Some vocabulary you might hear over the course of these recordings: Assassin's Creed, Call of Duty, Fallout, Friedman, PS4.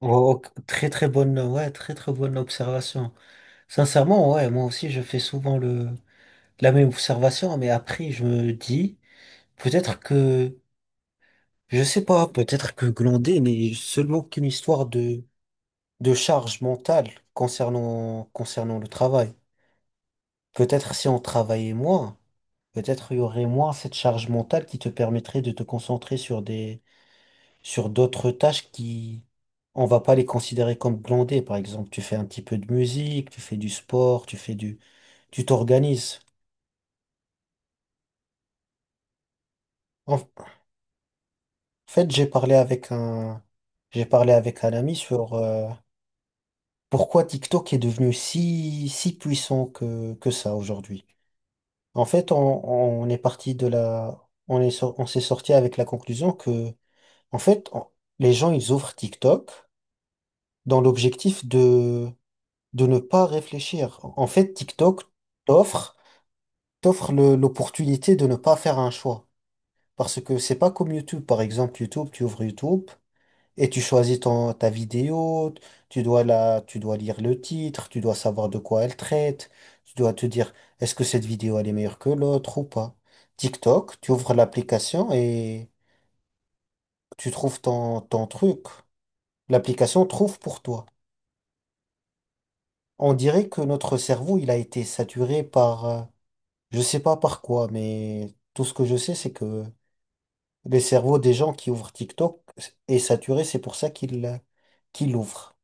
Oh, oh, très très bonne, ouais, très très bonne observation. Sincèrement, ouais, moi aussi je fais souvent le la même observation, mais après je me dis peut-être que je sais pas, peut-être que glander n'est seulement qu'une histoire de charge mentale concernant le travail. Peut-être si on travaillait moins, peut-être il y aurait moins cette charge mentale qui te permettrait de te concentrer sur d'autres tâches qui, on va pas les considérer comme glandées. Par exemple, tu fais un petit peu de musique, tu fais du sport, tu t'organises. En fait, j'ai parlé avec un ami sur pourquoi TikTok est devenu si puissant que ça aujourd'hui. En fait, on est parti de la, on est, sor- on s'est sorti avec la conclusion que, en fait, les gens, ils ouvrent TikTok dans l'objectif de ne pas réfléchir. En fait, TikTok t'offre t'offre l'opportunité de ne pas faire un choix. Parce que c'est pas comme YouTube. Par exemple, YouTube, tu ouvres YouTube et tu choisis ta vidéo, tu dois lire le titre, tu dois savoir de quoi elle traite, tu dois te dire est-ce que cette vidéo elle est meilleure que l'autre ou pas. TikTok, tu ouvres l'application et tu trouves ton truc. L'application trouve pour toi. On dirait que notre cerveau, il a été saturé par, je sais pas par quoi, mais tout ce que je sais, c'est que les cerveaux des gens qui ouvrent TikTok est saturé, c'est pour ça qu'ils l'ouvrent.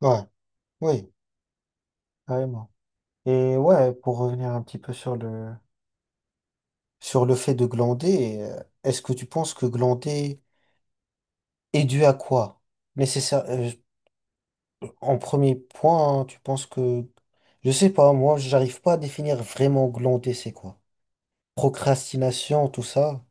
Ouais, oui, carrément. Et ouais, pour revenir un petit peu sur le fait de glander, est-ce que tu penses que glander est dû à quoi? Nécessaire, en premier point, hein, tu penses que je sais pas, moi, j'arrive pas à définir vraiment glander, c'est quoi? Procrastination, tout ça.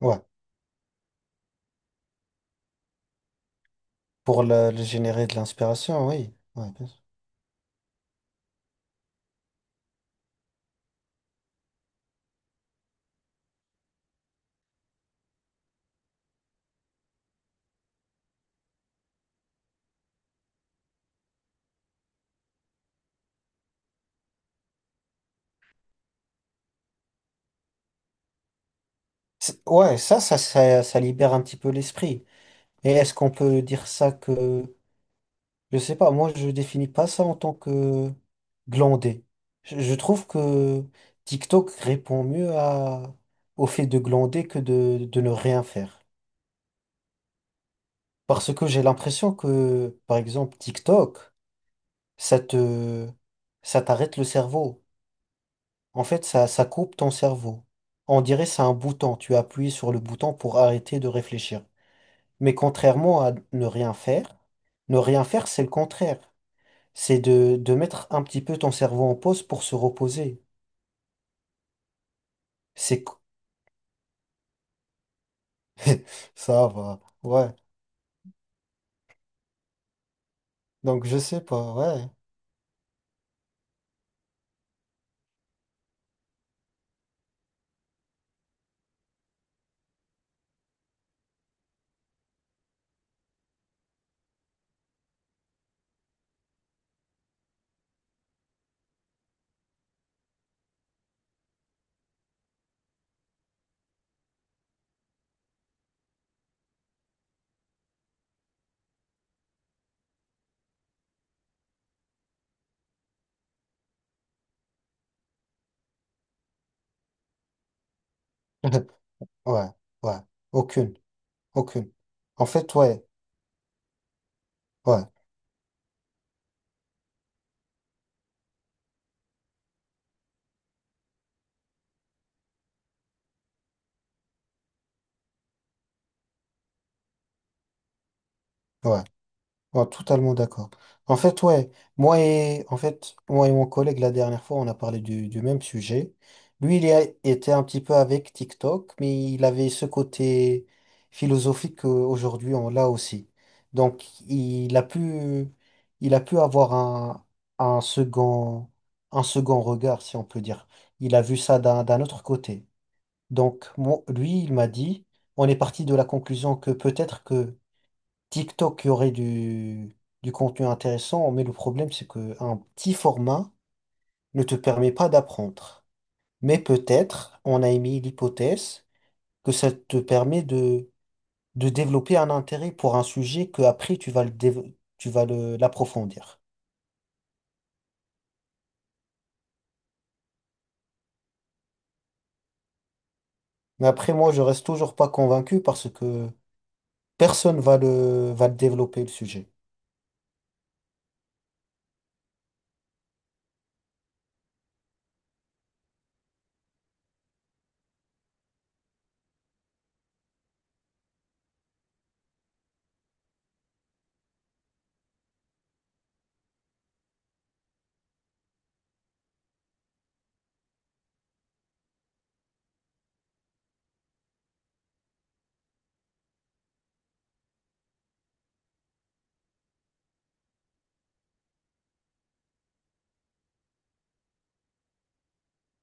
Ouais. Pour le générer de l'inspiration, oui. Ouais, bien sûr. Ouais, ça libère un petit peu l'esprit. Et est-ce qu'on peut dire ça que... Je sais pas, moi, je définis pas ça en tant que glander. Je trouve que TikTok répond mieux au fait de glander que de ne rien faire. Parce que j'ai l'impression que, par exemple, TikTok, ça te, ça t'arrête le cerveau. En fait, ça coupe ton cerveau. On dirait c'est un bouton. Tu appuies sur le bouton pour arrêter de réfléchir. Mais contrairement à ne rien faire, ne rien faire, c'est le contraire. C'est de mettre un petit peu ton cerveau en pause pour se reposer. C'est co- Ça va. Ouais. Donc je sais pas. Ouais. Ouais. Ouais. Aucune. Aucune. En fait, ouais. Ouais, ouais. Oh, totalement d'accord. En fait, ouais, en fait, moi et mon collègue, la dernière fois, on a parlé du même sujet. Lui, était un petit peu avec TikTok, mais il avait ce côté philosophique qu'aujourd'hui, on l'a aussi. Donc, il a pu avoir un second, un second regard, si on peut dire. Il a vu ça d'un autre côté. Donc, lui, il m'a dit, on est parti de la conclusion que peut-être que TikTok, il y aurait du contenu intéressant, mais le problème, c'est qu'un petit format ne te permet pas d'apprendre. Mais peut-être, on a émis l'hypothèse que ça te permet de développer un intérêt pour un sujet que après tu vas le dév- tu vas le, l'approfondir. Mais après, moi, je reste toujours pas convaincu parce que personne va le développer, le sujet.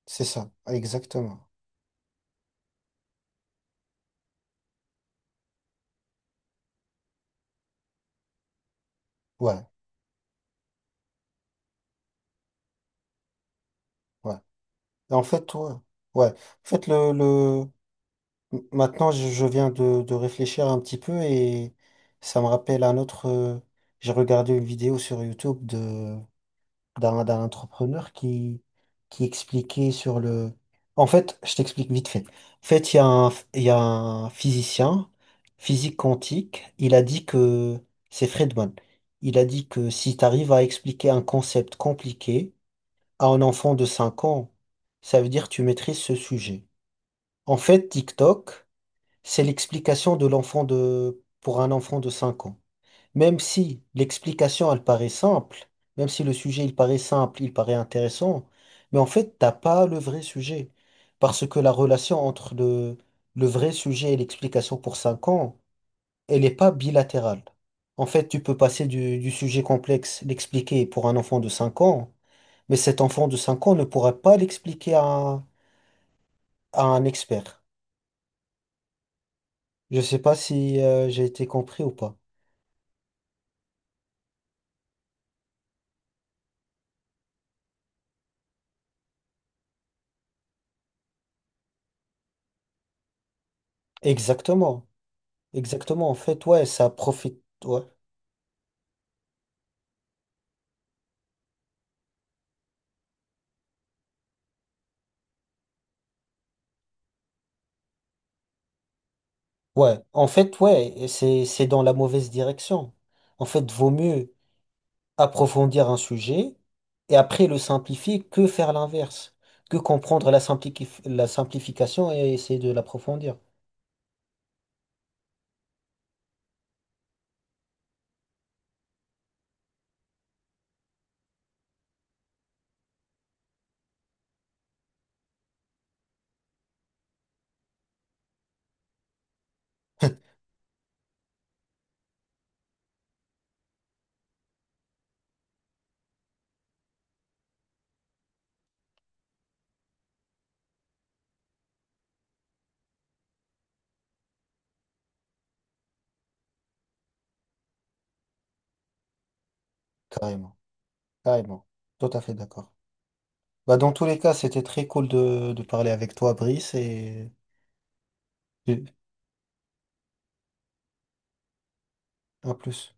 C'est ça, exactement. Ouais, ouais. En fait, ouais. Ouais. En fait, Maintenant, je viens de réfléchir un petit peu et ça me rappelle un autre. J'ai regardé une vidéo sur YouTube de d'un d'un entrepreneur qui expliquait sur le. En fait, je t'explique vite fait. En fait, il y a un physicien physique quantique. Il a dit que c'est Friedman. Il a dit que si tu arrives à expliquer un concept compliqué à un enfant de 5 ans, ça veut dire que tu maîtrises ce sujet. En fait, TikTok. C'est l'explication de l'enfant de, pour un enfant de 5 ans. Même si l'explication, elle paraît simple, même si le sujet, il paraît simple, il paraît intéressant, mais en fait, t'as pas le vrai sujet. Parce que la relation entre le vrai sujet et l'explication pour 5 ans, elle n'est pas bilatérale. En fait, tu peux passer du sujet complexe, l'expliquer pour un enfant de 5 ans, mais cet enfant de 5 ans ne pourra pas l'expliquer à, à un expert. Je sais pas si j'ai été compris ou pas. Exactement, exactement. En fait, ouais, ça profite. Ouais, ouais. En fait, ouais, et c'est dans la mauvaise direction. En fait, vaut mieux approfondir un sujet et après le simplifier que faire l'inverse, que comprendre la la simplification et essayer de l'approfondir. Carrément, carrément. Tout à fait d'accord. Bah, dans tous les cas, c'était très cool de parler avec toi, Brice, et et à plus.